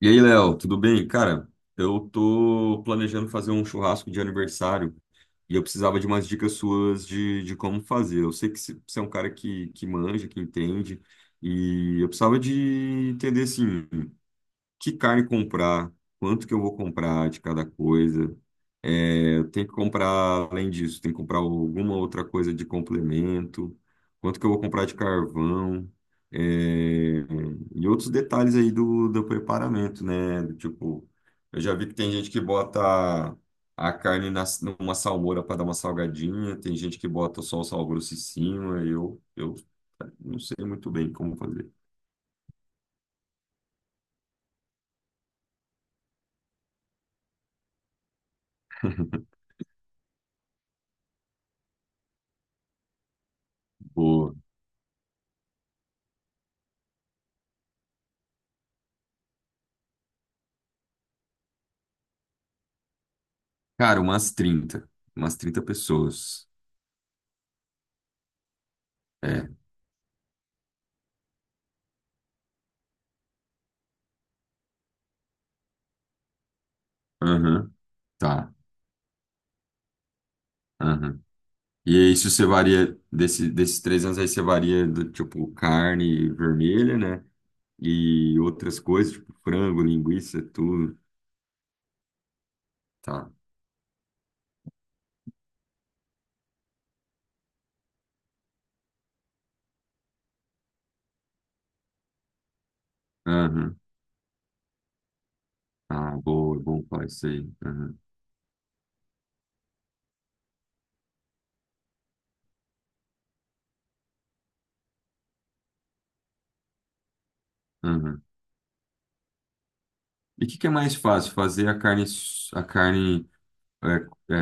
E aí, Léo, tudo bem? Cara, eu tô planejando fazer um churrasco de aniversário e eu precisava de umas dicas suas de como fazer. Eu sei que você é um cara que manja, que entende, e eu precisava de entender, assim, que carne comprar, quanto que eu vou comprar de cada coisa. É, eu tenho que comprar, além disso, tem que comprar alguma outra coisa de complemento, quanto que eu vou comprar de carvão, é, e outros detalhes aí do preparamento, né? Do tipo, eu já vi que tem gente que bota a carne numa salmoura para dar uma salgadinha, tem gente que bota só o sal grosso em cima, eu não sei muito bem como fazer. Cara, umas trinta pessoas. É. Aham. Tá. Aham. E isso você varia, desses 3 anos aí você varia do tipo carne vermelha, né? E outras coisas, tipo frango, linguiça, tudo. Tá. Aham. Ah, boa, é bom falar isso aí. Aham. Aham. E o que que é mais fácil, fazer a carne, a carne é,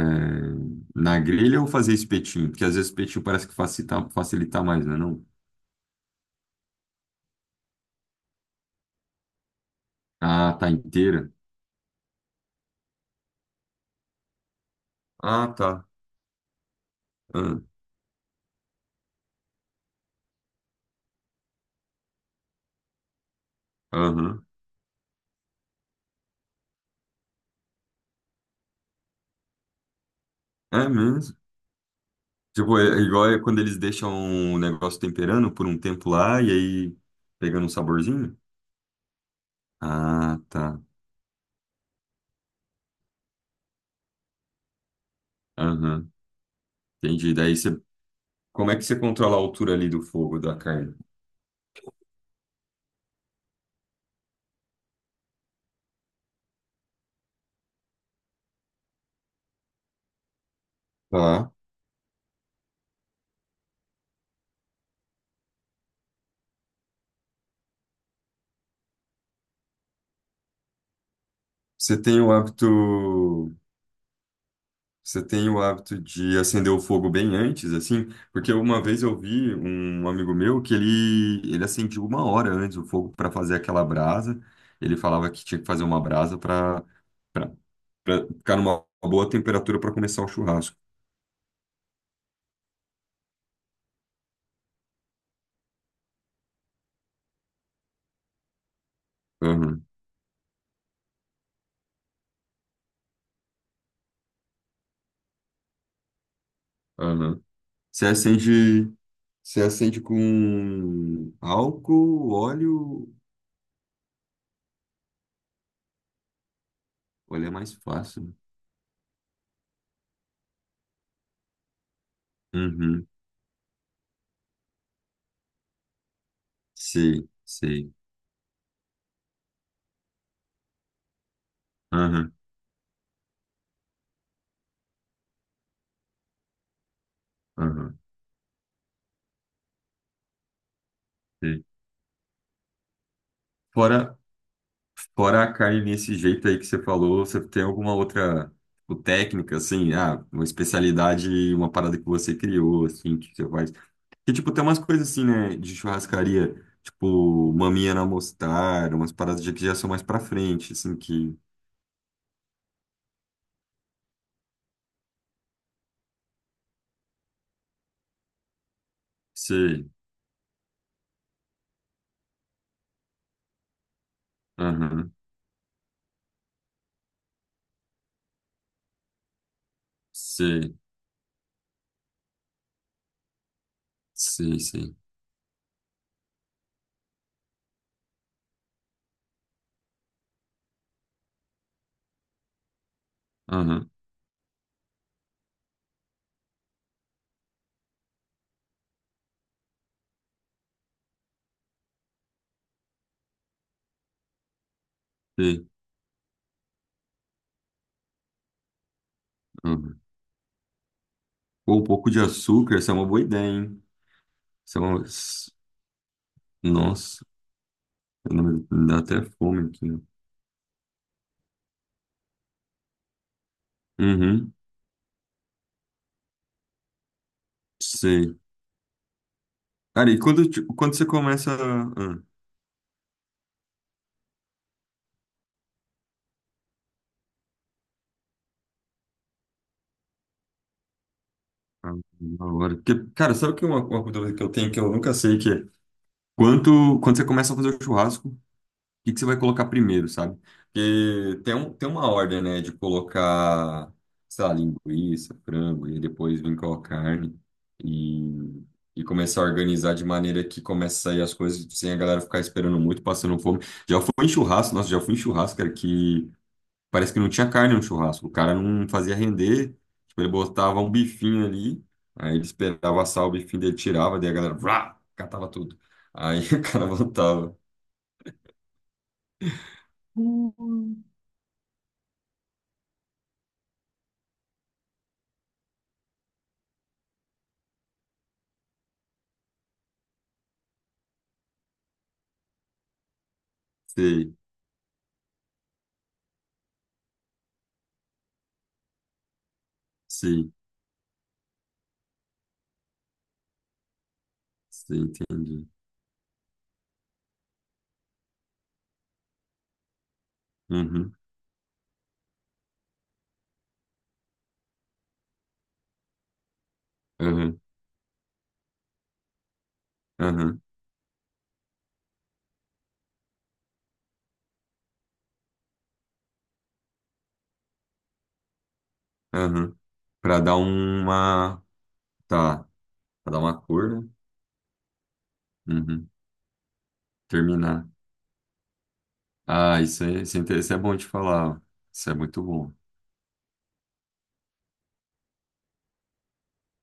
na grelha ou fazer espetinho? Porque às vezes espetinho parece que facilita, facilita mais, né? Não? Ah, tá inteira. Ah, tá. Ah, aham. É mesmo. Tipo, é igual é quando eles deixam o negócio temperando por um tempo lá e aí pegando um saborzinho. Ah, tá. Aham. Entendi. Daí você. Como é que você controla a altura ali do fogo da carne? Tá. Você tem o hábito. Você tem o hábito de acender o fogo bem antes, assim? Porque uma vez eu vi um amigo meu que ele acendia uma hora antes o fogo para fazer aquela brasa. Ele falava que tinha que fazer uma brasa para. Pra ficar numa boa temperatura para começar o churrasco. Aham, aham. Você acende, você acende com álcool, óleo. Olha, é mais fácil. Uhum. Sei, sei. Aham, aham. Sei. Fora, fora a carne nesse jeito aí que você falou, você tem alguma outra tipo, técnica, assim, ah, uma especialidade, uma parada que você criou, assim, que você faz. Que, tipo, tem umas coisas assim, né, de churrascaria, tipo, maminha na mostarda, umas paradas de que já são mais pra frente, assim, que... Sei, aham, sei, sei, sei, aham, sei, aham. Pô, um pouco de açúcar, essa é uma boa ideia, hein? Essa é uma... s- Nossa, eu não- me dá até fome aqui, né? Uhum, sei. Cara, e tipo, quando você começa... Ah, ah, na hora. Porque, cara, sabe que é uma dúvida que eu tenho que eu nunca sei que é quando você começa a fazer o churrasco, que você vai colocar primeiro, sabe? Porque tem uma ordem, né, de colocar, sei lá, linguiça, frango, e depois vir com a carne e, e começar a organizar de maneira que comece a sair as coisas sem a galera ficar esperando muito, passando fome. Já fui em churrasco, nossa, já fui em churrasco, cara, que parece que não tinha carne no churrasco. O cara não fazia render, tipo, ele botava um bifinho ali, aí ele esperava assar o bifinho dele, tirava, daí a galera, vrá, catava tudo. Aí o cara voltava. Hum. Sei. Sim, sim, entendi. Uhum, uhum, uhum, uhum. Para dar uma. Tá, para dar uma cor, né? Uhum, terminar. Ah, isso é bom de falar. Isso é muito bom.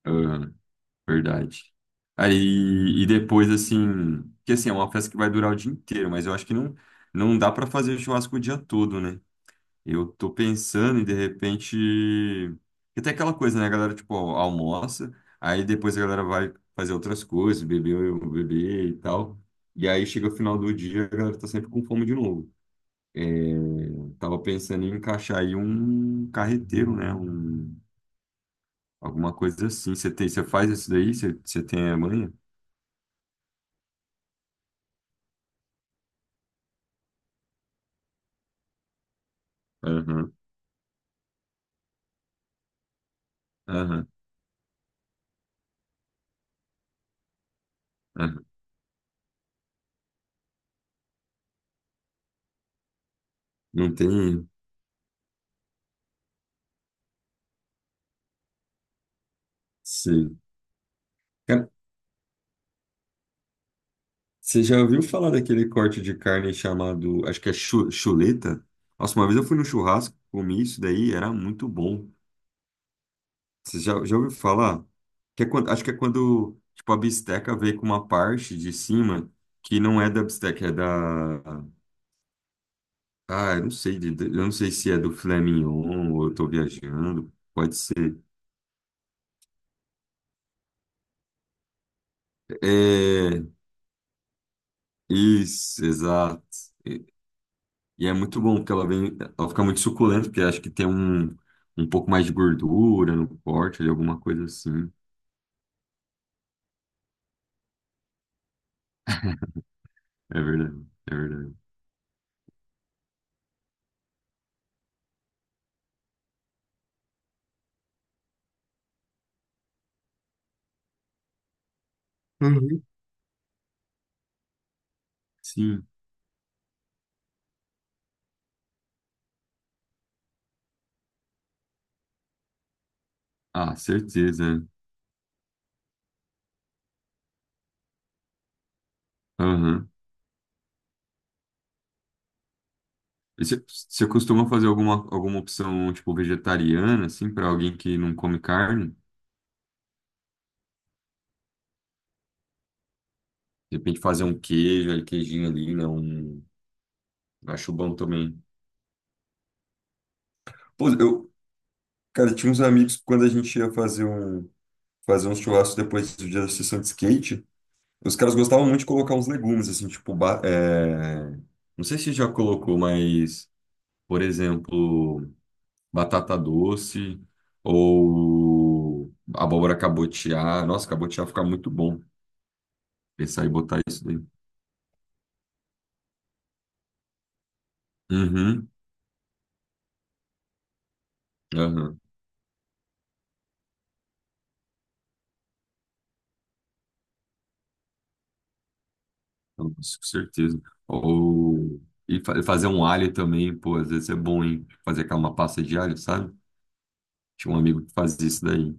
Uhum, verdade. Aí, e depois, assim. Porque, assim, é uma festa que vai durar o dia inteiro, mas eu acho que não, não dá para fazer churrasco o dia todo, né? Eu tô pensando em, de repente. Porque tem aquela coisa, né? A galera, tipo, almoça, aí depois a galera vai fazer outras coisas, beber, beber e tal. E aí chega o final do dia, a galera tá sempre com fome de novo. É, tava pensando em encaixar aí um carreteiro, né? Alguma coisa assim. Você faz isso daí? Você tem a manha? Aham, aham, aham. Não tem. Sim. Você já ouviu falar daquele corte de carne chamado, acho que é chuleta? Nossa, uma vez eu fui no churrasco, comi isso daí, era muito bom. Você já ouviu falar? Que é quando, acho que é quando, tipo, a bisteca vem com uma parte de cima que não é da bisteca, é da... Ah, eu não sei se é do filé mignon ou eu tô viajando, pode ser. É, isso, exato. E é muito bom, porque ela vem, ela fica muito suculenta, porque acho que tem um pouco mais de gordura no corte, ali, alguma coisa assim. É verdade, é verdade. Uhum. Sim, ah, certeza. Aham. E você costuma fazer alguma opção, tipo, vegetariana, assim, para alguém que não come carne? De repente fazer um queijo, ali, queijinho ali, né? Um... Acho bom também. Pô, cara, tinha uns amigos quando a gente ia fazer um, churrasco depois do dia da sessão de skate. Os caras gostavam muito de colocar uns legumes, assim, tipo, não sei se já colocou, mas, por exemplo, batata doce ou abóbora cabotiá. Nossa, cabotiá fica muito bom pensar em botar isso daí. Uhum, aham. Nossa, com certeza. Ou fazer um alho também, pô, às vezes é bom, hein? Fazer aquela uma pasta de alho, sabe? Tinha um amigo que fazia isso daí.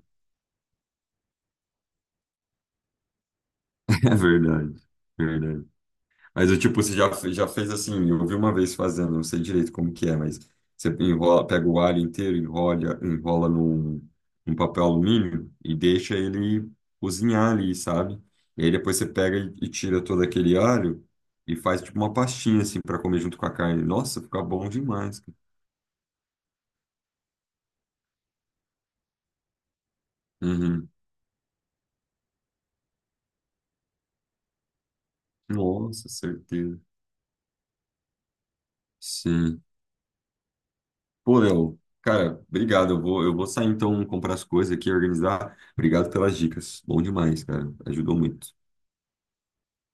É verdade, verdade. Mas eu, tipo, você já fez assim, eu vi uma vez fazendo, não sei direito como que é, mas você enrola, pega o alho inteiro, enrola num papel alumínio e deixa ele cozinhar ali, sabe? E aí depois você pega e tira todo aquele alho e faz tipo uma pastinha assim para comer junto com a carne. Nossa, fica bom demais, cara. Uhum. Nossa, certeza. Sim. Pô, Léo, cara, obrigado. Eu vou sair então comprar as coisas aqui, organizar. Obrigado pelas dicas. Bom demais, cara. Ajudou muito.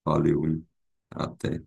Valeu, hein? Até.